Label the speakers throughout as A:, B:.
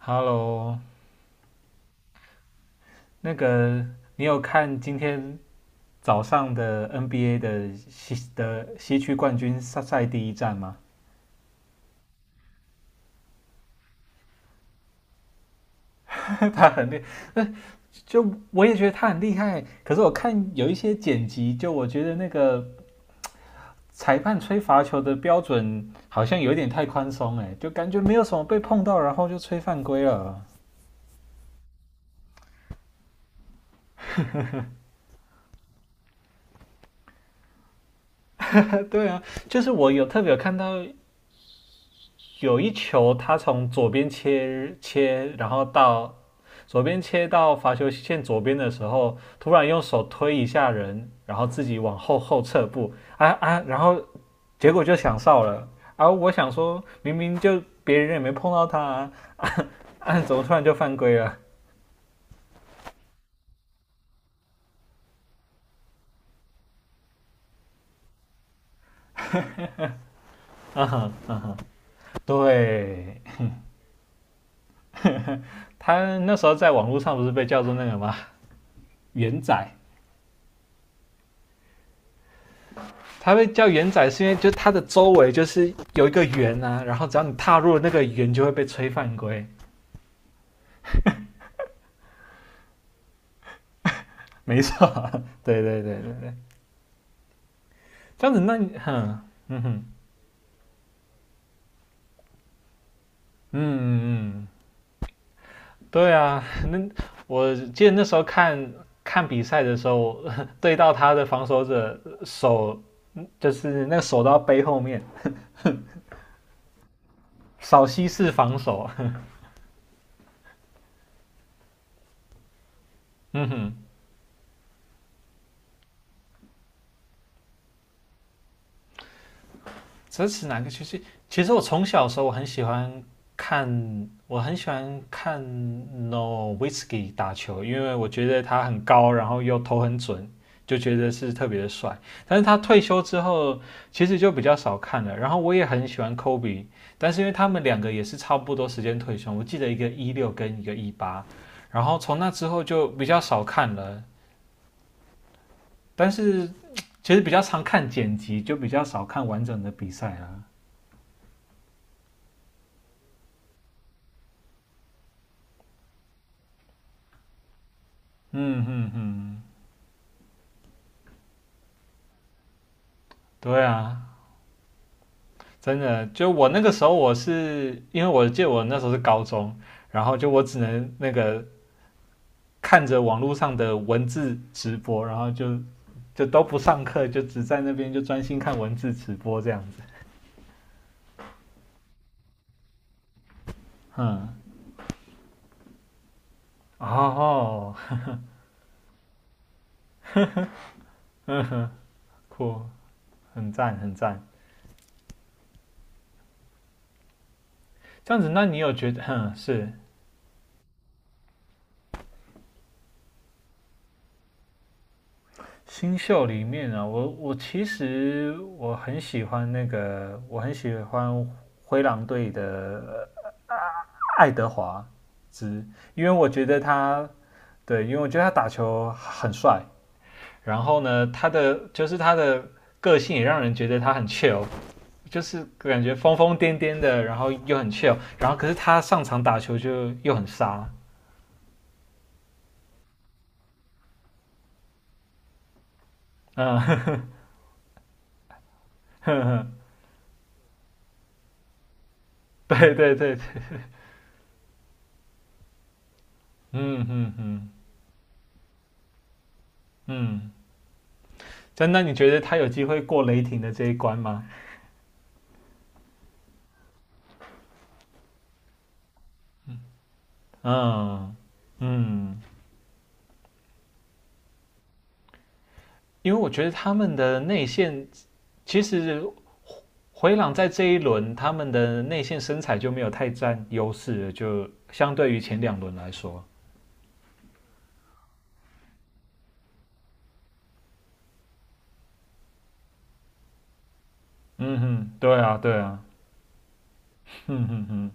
A: Hello，那个你有看今天早上的 NBA 的西区冠军赛第一战吗？他很厉，就我也觉得他很厉害。可是我看有一些剪辑，就我觉得那个裁判吹罚球的标准好像有点太宽松，哎，就感觉没有什么被碰到，然后就吹犯规了。对啊，就是我有特别有看到有一球他从左边切，然后到左边切到罚球线左边的时候，突然用手推一下人，然后自己往后后撤步，然后结果就想哨了。而我想说，明明就别人也没碰到他啊，啊，怎么突然就犯规了？啊哈啊哈，对，他那时候在网络上不是被叫做那个吗？元仔，它会叫圆仔，是因为就它的周围就是有一个圆啊，然后只要你踏入那个圆，就会被吹犯规。没错，对对对对对，这样子，那你嗯哼，嗯嗯，对啊，那我记得那时候看比赛的时候，对到他的防守者手，就是那个手到背后面，扫西式防守。嗯哼，这是哪个其实我从小的时候我很喜欢看 n o w i t k i 打球，因为我觉得他很高，然后又投很准，就觉得是特别的帅。但是他退休之后，其实就比较少看了。然后我也很喜欢 Kobe，但是因为他们两个也是差不多时间退休，我记得一个一六跟一个一八，然后从那之后就比较少看了。但是其实比较常看剪辑，就比较少看完整的比赛啦。嗯嗯嗯，嗯，对啊，真的，就我那个时候，因为我记得我那时候是高中，然后就我只能那个看着网络上的文字直播，然后就都不上课，就只在那边就专心看文字直播这样子。嗯，哦，哦，酷，很赞很赞。这样子，那你有觉得，新秀里面啊，我其实我很喜欢灰狼队的爱德华兹，因为我觉得他对，因为我觉得他打球很帅，然后呢，他的个性也让人觉得他很 chill，就是感觉疯疯癫癫的，然后又很 chill，然后可是他上场打球就又很杀，嗯，呵呵，对对对，嗯嗯嗯嗯，真的，你觉得他有机会过雷霆的这一关吗？嗯嗯，因为我觉得他们的内线其实回朗在这一轮他们的内线身材就没有太占优势了，就相对于前两轮来说。嗯哼，对啊，对啊，嗯哼哼，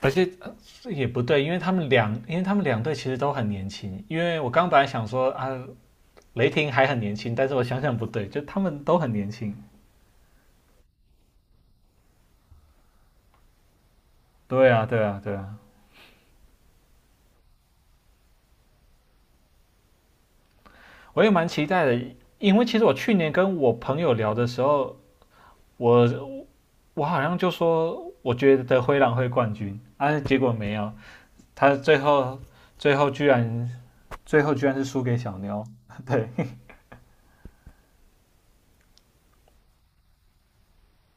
A: 而且也不对，因为他们两队其实都很年轻。因为我刚本来想说啊，雷霆还很年轻，但是我想想不对，就他们都很年轻。对啊，对啊，对啊，我也蛮期待的，因为其实我去年跟我朋友聊的时候，我我好像就说我觉得灰狼会冠军，啊，结果没有，他最后居然最后居然是输给小妞，对，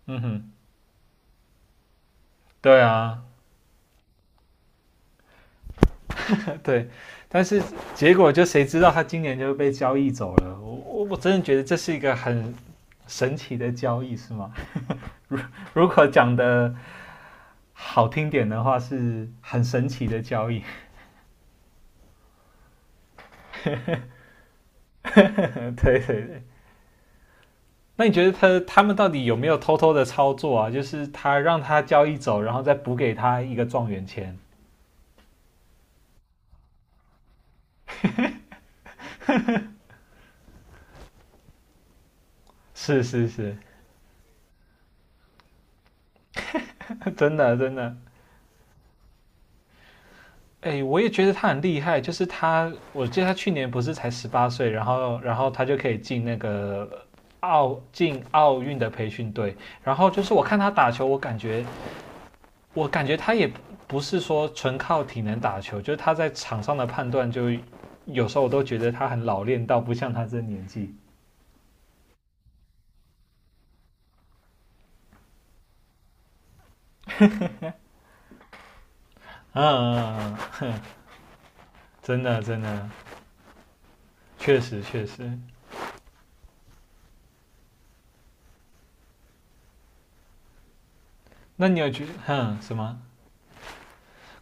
A: 嗯哼，对啊，对，但是结果就谁知道他今年就被交易走了，我真的觉得这是一个很神奇的交易，是吗？如果讲的好听点的话，是很神奇的交易，对对对。那你觉得他们到底有没有偷偷的操作啊？就是他让他交易走，然后再补给他一个状元签？是是是，真的真的。哎，我也觉得他很厉害，就是我记得他去年不是才十八岁，然后他就可以进那个奥运的培训队，然后就是我看他打球，我感觉他也不是说纯靠体能打球，就是他在场上的判断就有时候我都觉得他很老练到不像他这年纪，嗯嗯，嗯嗯，真的真的，确实确实。那你有觉得什么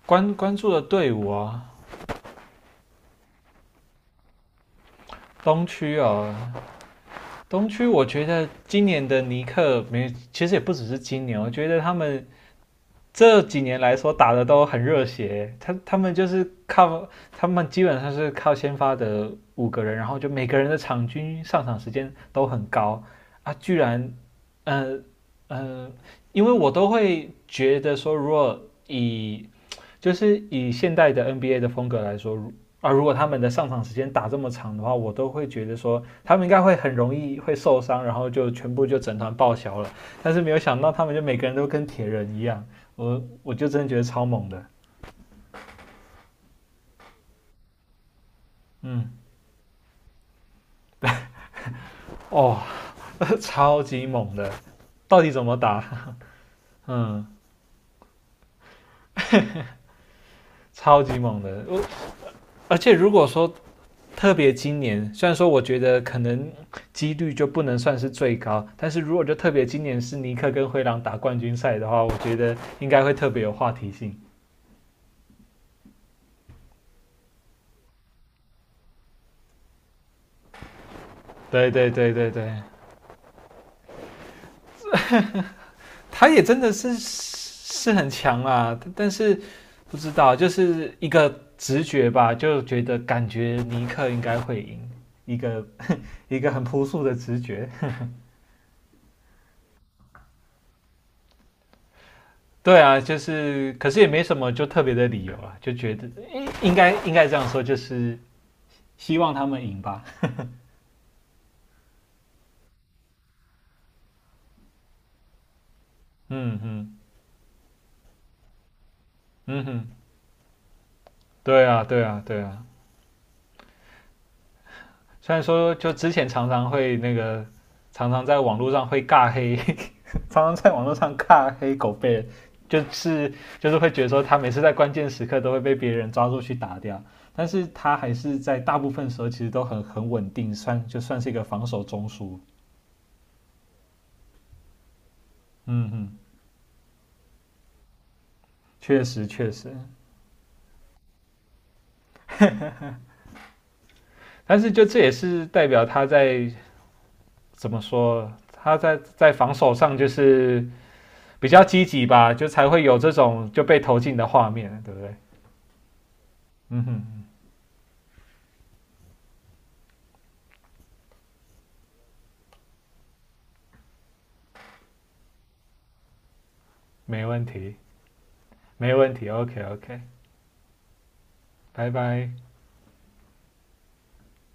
A: 关注的队伍啊？东区哦，东区，我觉得今年的尼克没，其实也不只是今年哦，我觉得他们这几年来说打的都很热血。他们就是靠他们基本上是靠先发的五个人，然后就每个人的场均上场时间都很高啊，居然，呃呃，因为我都会觉得说，如果以就是以现代的 NBA 的风格来说，如果他们的上场时间打这么长的话，我都会觉得说他们应该会很容易会受伤，然后就全部就整团报销了。但是没有想到他们就每个人都跟铁人一样，我就真的觉得超猛的，嗯，哦，超级猛的，到底怎么打？嗯，超级猛的。而且如果说特别今年，虽然说我觉得可能几率就不能算是最高，但是如果就特别今年是尼克跟灰狼打冠军赛的话，我觉得应该会特别有话题性。对对对对对，他也真的是很强啊，但是不知道就是一个直觉吧，就觉得感觉尼克应该会赢，一个一个很朴素的直觉。对啊，就是可是也没什么就特别的理由啊，就觉得应该这样说，就是希望他们赢吧。嗯嗯嗯哼，对啊，对啊，对啊。虽然说就之前常常会常常在网络上会尬黑，常常在网络上尬黑狗贝尔，就是就是会觉得说他每次在关键时刻都会被别人抓住去打掉，但是他还是在大部分时候其实都很稳定，就算是一个防守中枢。嗯哼，确实确实，但是就这也是代表怎么说，他在防守上就是比较积极吧，就才会有这种就被投进的画面，对不对？嗯哼，没问题，没问题，OK OK，拜拜。